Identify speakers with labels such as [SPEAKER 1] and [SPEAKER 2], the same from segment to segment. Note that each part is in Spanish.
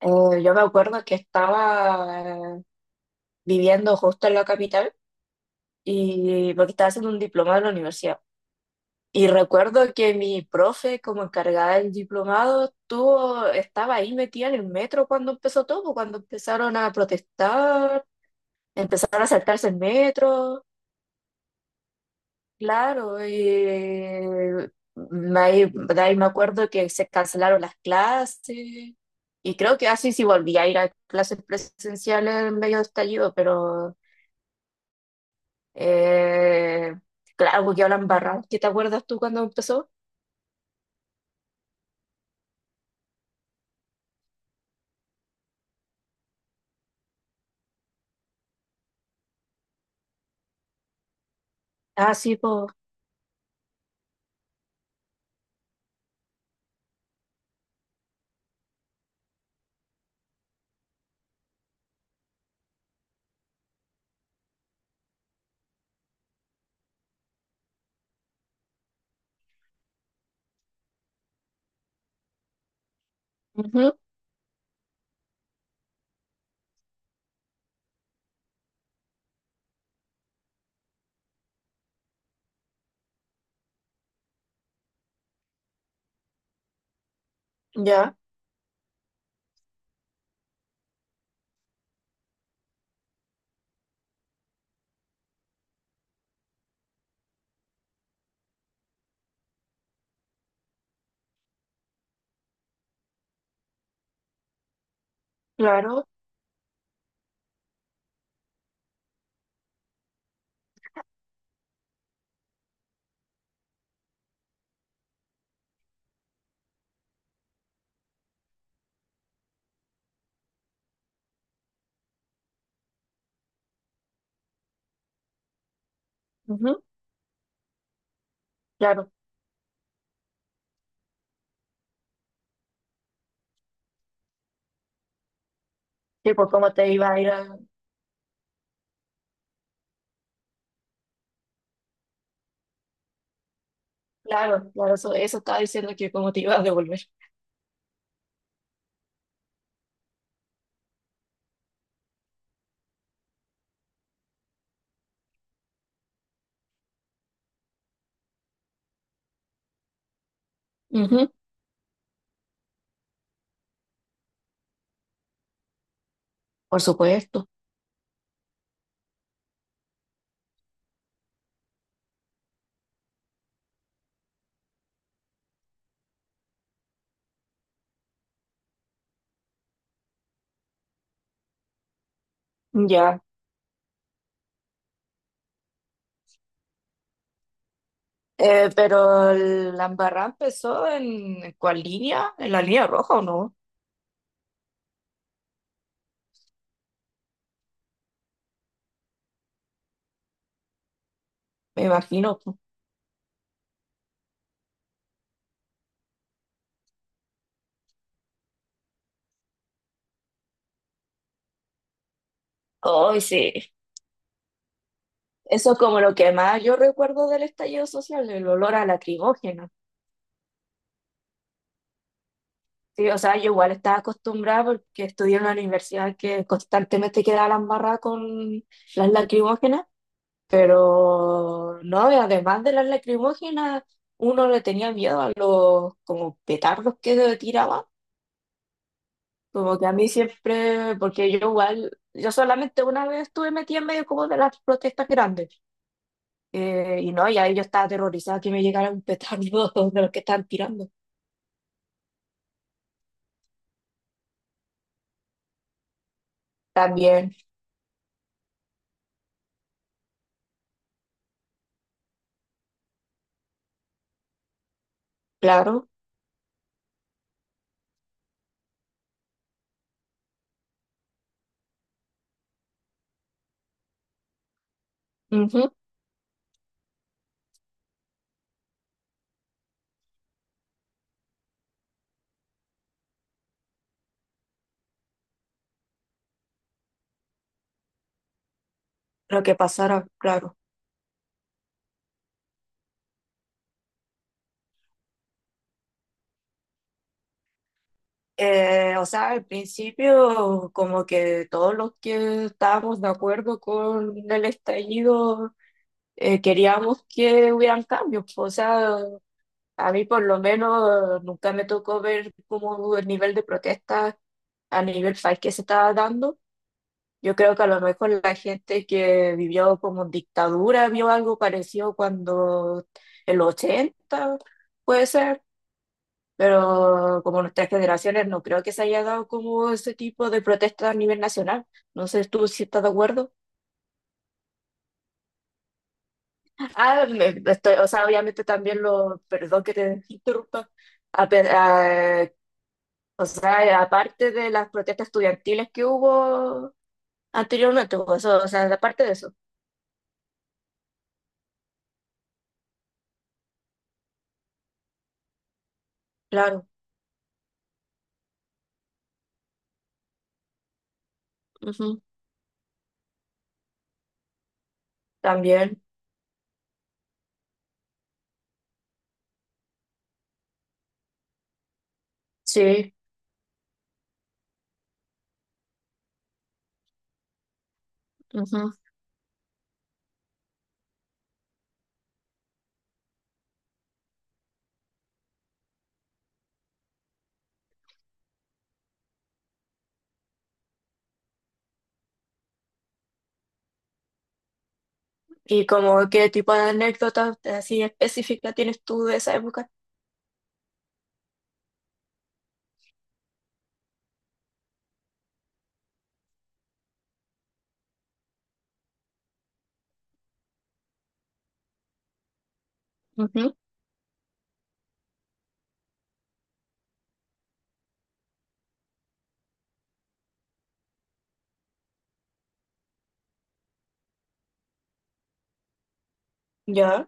[SPEAKER 1] Yo me acuerdo que estaba eh, viviendo justo en la capital y porque estaba haciendo un diplomado en la universidad. Y recuerdo que mi profe, como encargada del diplomado, estaba ahí metida en el metro cuando empezó todo, cuando empezaron a protestar, empezaron a saltarse el metro, claro, y ahí, de ahí me acuerdo que se cancelaron las clases. Y creo que así sí volví a ir a clases presenciales en medio de estallido, pero Eh, claro, porque hablan barra. ¿Qué te acuerdas tú cuando empezó? Ah, sí, pues. Ya, claro. Ujú, claro. Sí, pues cómo te iba a ir a... Claro, claro, eso estaba diciendo que cómo te iba a devolver. Ujú. Por supuesto. Ya. Pero la embarrada empezó ¿en cuál línea? En la línea roja, ¿o no? Me imagino, pues. Ay, sí. Eso es como lo que más yo recuerdo del estallido social, el olor a la trigógena. Sí, o sea, yo igual estaba acostumbrada porque estudié en una universidad que constantemente quedaba la embarrada con las lacrimógenas, pero no, y además de las lacrimógenas, uno le tenía miedo a los como petardos que tiraban, como que a mí siempre, porque yo igual, yo solamente una vez estuve metida en medio como de las protestas grandes, y no, y ahí yo estaba aterrorizada que me llegara un petardo de los que estaban tirando. También, claro, ujú, lo que pasara, claro. O sea, al principio como que todos los que estábamos de acuerdo con el estallido queríamos que hubieran cambios, pues. O sea, a mí por lo menos nunca me tocó ver como el nivel de protesta a nivel país que se estaba dando. Yo creo que a lo mejor la gente que vivió como en dictadura vio algo parecido cuando en los 80, puede ser, pero como nuestras generaciones no creo que se haya dado como ese tipo de protesta a nivel nacional. No sé tú si estás de acuerdo. Ah, estoy, o sea, obviamente también lo, perdón que te interrumpa. A pe- a- o sea, aparte de las protestas estudiantiles que hubo anteriormente, o eso, o sea, aparte de eso, claro, ujú. También, sí. Ujú. Y como qué tipo de anécdotas así específicas tienes tú de esa época. Ujú. Ya.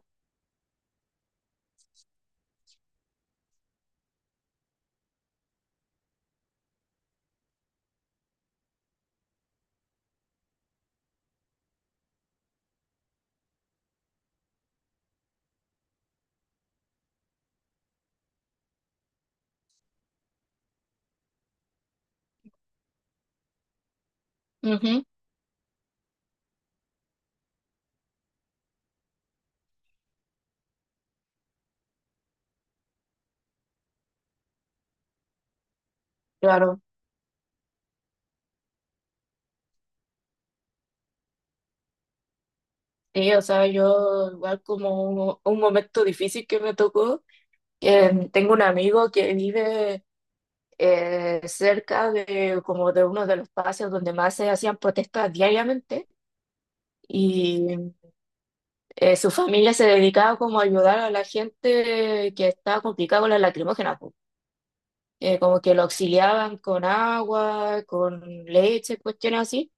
[SPEAKER 1] Ujú. Claro. Sí, o sea, yo igual como un momento difícil que me tocó, que tengo un amigo que vive cerca de como de uno de los espacios donde más se hacían protestas diariamente y su familia se dedicaba como a ayudar a la gente que estaba complicada con las lacrimógena, po. Como que lo auxiliaban con agua, con leche, cuestiones así.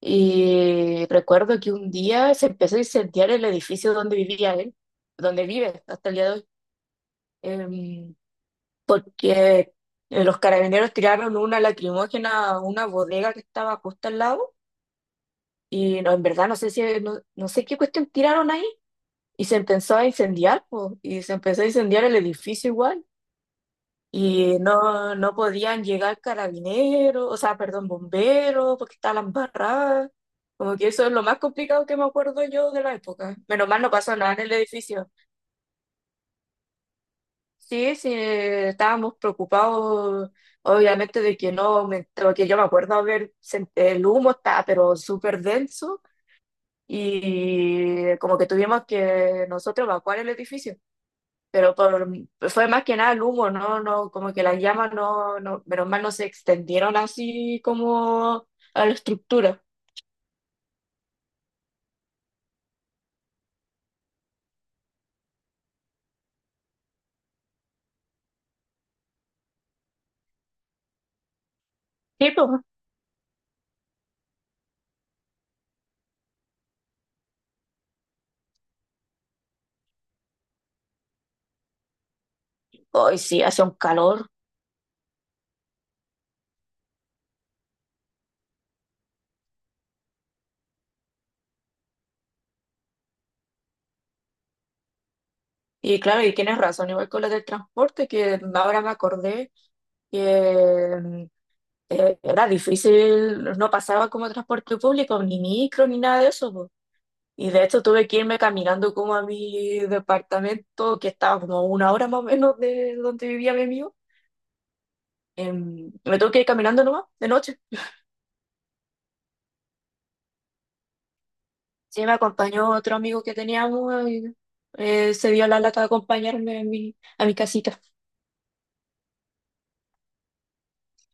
[SPEAKER 1] Y recuerdo que un día se empezó a incendiar el edificio donde vivía él, donde vive hasta el día de hoy. em, Porque los carabineros tiraron una lacrimógena a una bodega que estaba justo al lado, y no, en verdad no sé si no, no sé qué cuestión tiraron ahí y se empezó a incendiar, po, y se empezó a incendiar el edificio igual. Y no, no podían llegar carabineros, o sea, perdón, bomberos, porque estaban embarradas. Como que eso es lo más complicado que me acuerdo yo de la época. Menos mal no pasó nada en el edificio. Sí, sí, estábamos preocupados, obviamente, de que no aumentó, que yo me acuerdo haber, el humo estaba pero súper denso, y como que tuvimos que nosotros evacuar el edificio, pero por- fue más que nada el humo, no, no, como que las llamas no, no, menos mal no se extendieron así como a la estructura. Sí, pues. Hoy sí, hace un calor. Y claro, y tienes razón, igual con lo del transporte, que ahora me acordé que era difícil, no pasaba como transporte público, ni micro, ni nada de eso, po. Y de hecho tuve que irme caminando como a mi departamento, que estaba como a una hora más o menos de donde vivía mi amigo. Em, me tuve que ir caminando nomás, de noche. Sí, me acompañó otro amigo que teníamos y se dio la lata de acompañarme a a mi casita.